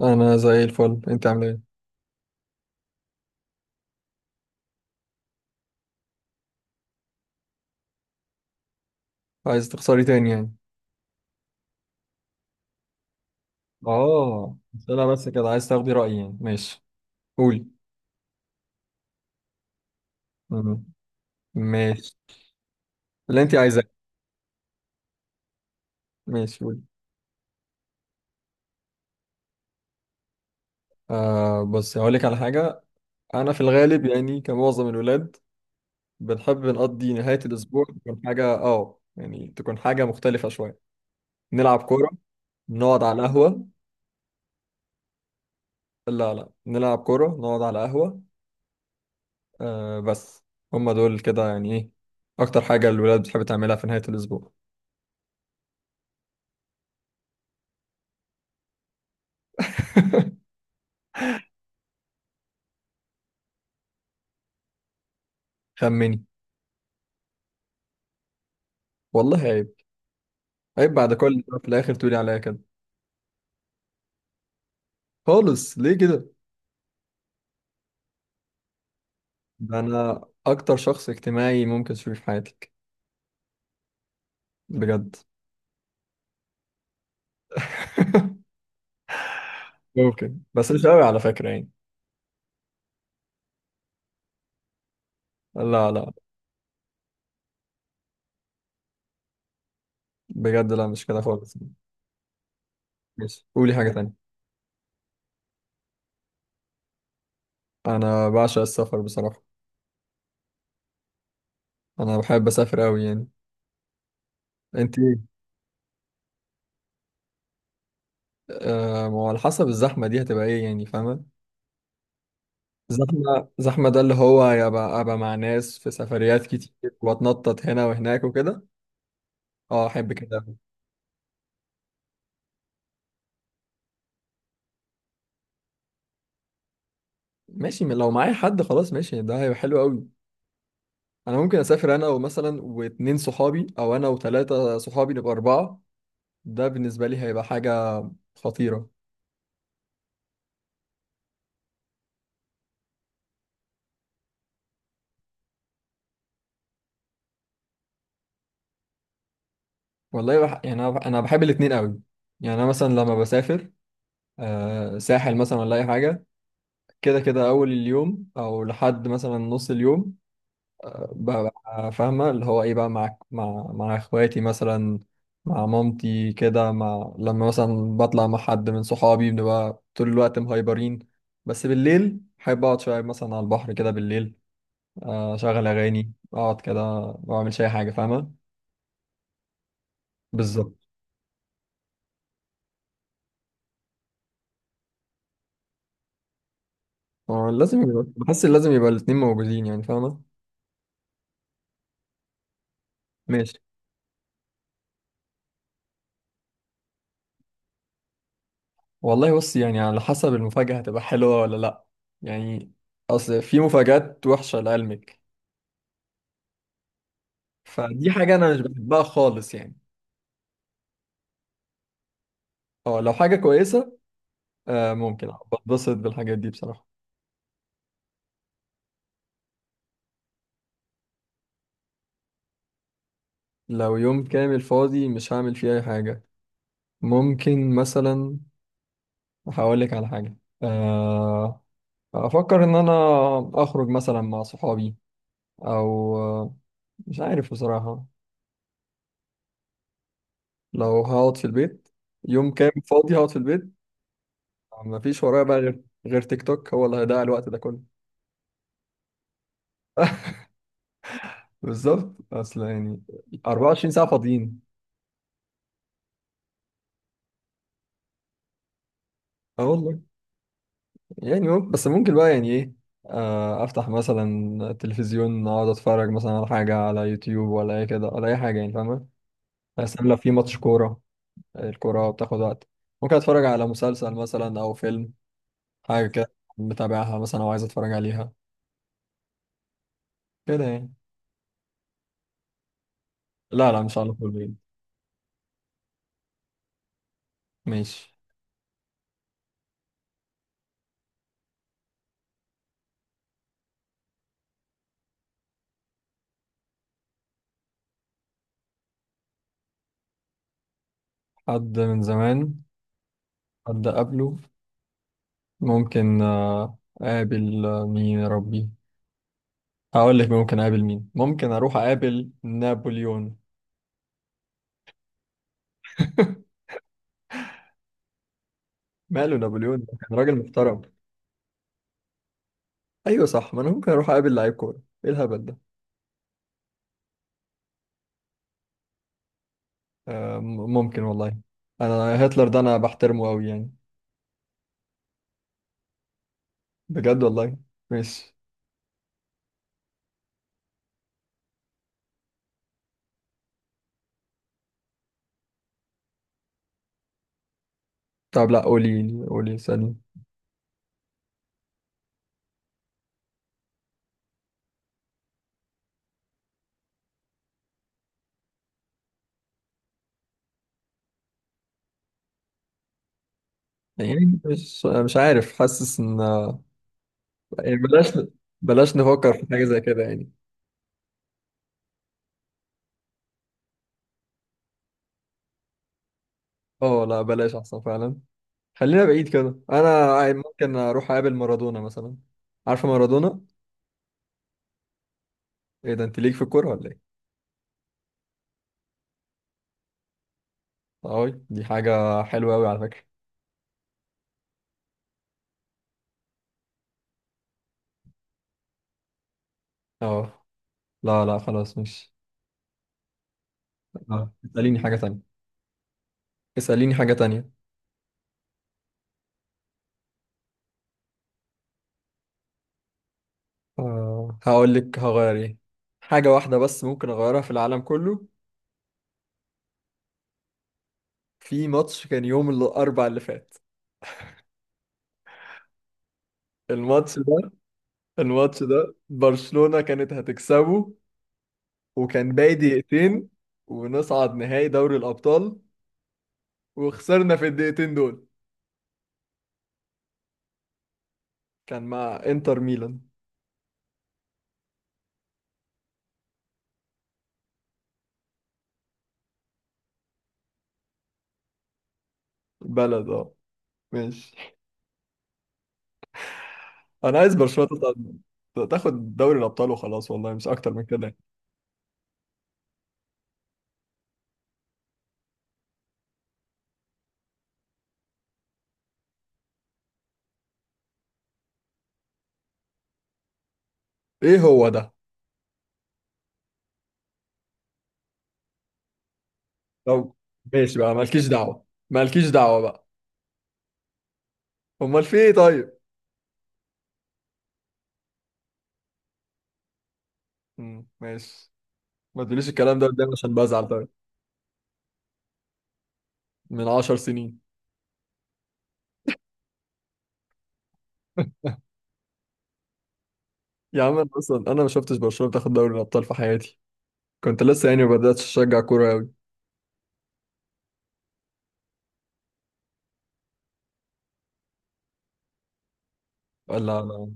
انا زي الفل، انت عامل ايه؟ عايز تخسري تاني يعني؟ اه، اسئله بس كده عايز تاخدي رايي يعني. ماشي. قولي. مم. ماشي. اللي انت عايزاه. ماشي، قولي. بص هقول لك على حاجه. انا في الغالب يعني كمعظم الولاد، بنحب نقضي نهايه الاسبوع، تكون حاجه يعني تكون حاجه مختلفه شويه. نلعب كوره، نقعد على القهوه. لا لا، نلعب كوره، نقعد على قهوه. آه بس. هما دول كده يعني، ايه اكتر حاجه الولاد بتحب تعملها في نهايه الاسبوع. خمني. والله عيب. عيب بعد كل ده في الاخر تقولي عليا كده؟ خالص، ليه كده؟ ده انا اكتر شخص اجتماعي ممكن تشوفيه في حياتك. بجد. ممكن، بس مش قوي على فكرة يعني. لا لا، بجد، لا مش كده خالص. ماشي، قولي حاجة تانية. أنا بعشق السفر بصراحة. أنا بحب أسافر أوي يعني. أنت إيه؟ آه، ما هو على حسب الزحمة دي هتبقى إيه يعني، فاهمة؟ زحمة زحمة، ده اللي هو يبقى أبقى مع ناس في سفريات كتير، وأتنطط هنا وهناك وكده. أه، أحب كده. ماشي، لو معايا حد خلاص ماشي، ده هيبقى حلو قوي. انا ممكن اسافر انا ومثلا واتنين صحابي، او انا وتلاتة صحابي نبقى اربعة. ده بالنسبة لي هيبقى حاجة خطيرة. والله يعني أنا بحب الاتنين قوي. يعني انا مثلا لما بسافر ساحل مثلا ولا اي حاجة، كده كده اول اليوم او لحد مثلا نص اليوم ببقى فاهمة اللي هو ايه، بقى مع اخواتي مثلا، مع مامتي كده، مع لما مثلا بطلع مع حد من صحابي بنبقى طول الوقت مهايبرين. بس بالليل بحب اقعد شوية مثلا على البحر كده بالليل، اشغل اغاني اقعد كده. ما اعملش اي حاجة، فاهمة؟ بالظبط. لازم يبقى، بحس إن لازم يبقى الاتنين موجودين يعني، فاهمة؟ ماشي. والله بص، يعني على حسب المفاجأة هتبقى حلوة ولا لأ. يعني، أصل في مفاجآت وحشة لقلبك. فدي حاجة أنا مش بحبها خالص يعني. اه، لو حاجة كويسة. آه ممكن بتبسط بالحاجات دي بصراحة. لو يوم كامل فاضي مش هعمل فيه أي حاجة. ممكن مثلا، هقولك على حاجة. آه أفكر إن أنا أخرج مثلا مع صحابي، أو مش عارف بصراحة. لو هقعد في البيت، يوم كامل فاضي هقعد في البيت. مفيش ورايا بقى غير تيك توك، هو اللي هيضيع الوقت ده كله. بالظبط أصل يعني، 24 ساعة فاضيين. اه والله. يعني ممكن، بس ممكن بقى يعني ايه، افتح مثلا تلفزيون، اقعد اتفرج مثلا على حاجه على يوتيوب ولا اي كده ولا اي حاجه يعني، فاهمه؟ بس لو في ماتش كوره، الكوره بتاخد وقت. ممكن اتفرج على مسلسل مثلا او فيلم، حاجه كده، متابعها مثلا او عايز اتفرج عليها كده يعني. لا لا، مش على طول يعني. ماشي. حد من زمان. حد قبله. ممكن اقابل، مين يا ربي. هقول لك ممكن اقابل مين، ممكن اروح اقابل نابليون. ماله نابليون؟ ده كان راجل محترم. ايوه صح، ما انا ممكن اروح اقابل لعيب كوره؟ ايه الهبل ده. ممكن والله. انا هتلر ده انا بحترمه قوي يعني. بجد والله. ماشي. طب لا، قولي قولي سألني. يعني مش عارف، حاسس ان يعني بلاش، بلاش نفكر في حاجه زي كده يعني. اه لا، بلاش احسن فعلا. خلينا بعيد كده، انا ممكن اروح اقابل مارادونا مثلا. عارفه مارادونا؟ ايه ده، انت ليك في الكوره ولا ايه؟ اه، دي حاجه حلوه قوي على فكره. اه لا لا، خلاص مش. اسأليني حاجة تانية. اسأليني حاجة تانية. هقول لك هغير ايه. حاجة واحدة بس ممكن أغيرها في العالم كله. في ماتش كان يوم الأربع اللي فات، الماتش ده الماتش ده برشلونة كانت هتكسبه، وكان باقي دقيقتين ونصعد نهائي دوري الأبطال، وخسرنا في الدقيقتين دول. كان مع إنتر ميلان. بلد اه. ماشي. أنا عايز برشلونة تصعد، تاخد دوري الأبطال وخلاص، والله مش أكتر من كده. ايه هو ده. طب ماشي بقى، مالكيش دعوه مالكيش دعوه بقى. امال في ايه طيب؟ مم. ماشي. ما تقوليش الكلام ده قدام عشان بزعل، طيب؟ من 10 سنين. يا عم انا اصلا، انا ما شفتش برشلونه بتاخد دوري الابطال في حياتي. كنت لسه يعني ما بداتش اشجع كوره قوي. لا لا.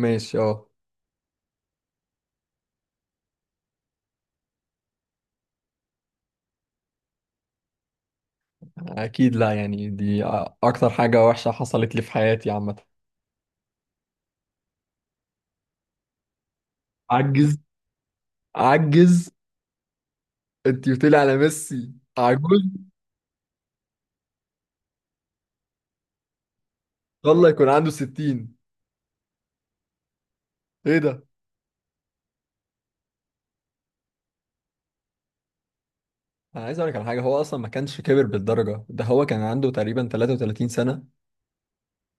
ماشي، اه اكيد لا، يعني دي اكتر حاجه وحشه حصلت لي في حياتي عامه. عجز؟ عجز؟ انت بتقولي على ميسي عجوز؟ والله يكون عنده 60. ايه ده. انا عايز اقول لك على حاجه، هو اصلا ما كانش كبر بالدرجه ده، هو كان عنده تقريبا 33 سنه.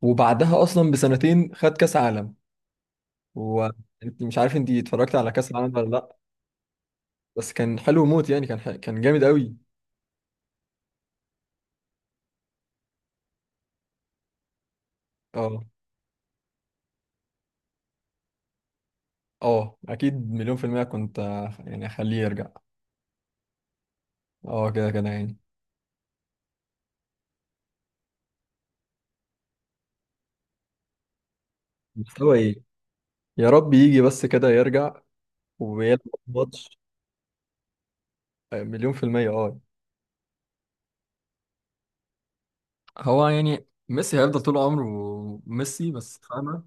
وبعدها اصلا بسنتين خد كاس عالم. وانت مش عارف، انت اتفرجت على كاس العالم ولا لا؟ بس كان حلو موت يعني، كان جامد قوي. اه اه، اكيد مليون في الميه كنت يعني اخليه يرجع. اه كده كده يعني. مستوى ايه؟ يا رب يجي بس كده يرجع ويلعب ماتش. مليون في الميه اه. هو يعني ميسي هيفضل طول عمره ميسي، بس فاهمة.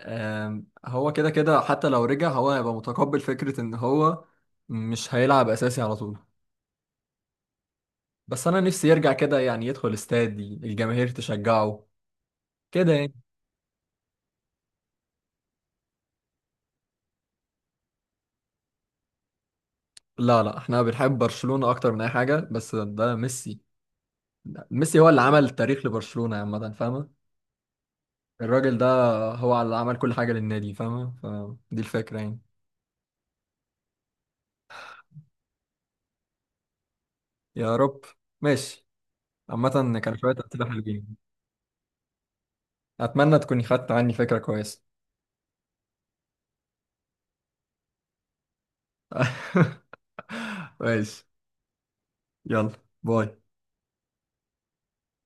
هو كده كده، حتى لو رجع هو هيبقى متقبل فكرة ان هو مش هيلعب اساسي على طول. بس انا نفسي يرجع كده يعني، يدخل استاد الجماهير تشجعه كده يعني. لا لا، احنا بنحب برشلونة اكتر من اي حاجة، بس ده ميسي. ميسي هو اللي عمل التاريخ لبرشلونة عامة، فاهمة؟ الراجل ده هو اللي عمل كل حاجة للنادي، فاهمة؟ فدي الفكرة يعني. يا رب. ماشي. عامة كان شوية أسئلة حلوين. أتمنى تكوني خدت عني فكرة كويسة. ماشي. يلا، باي.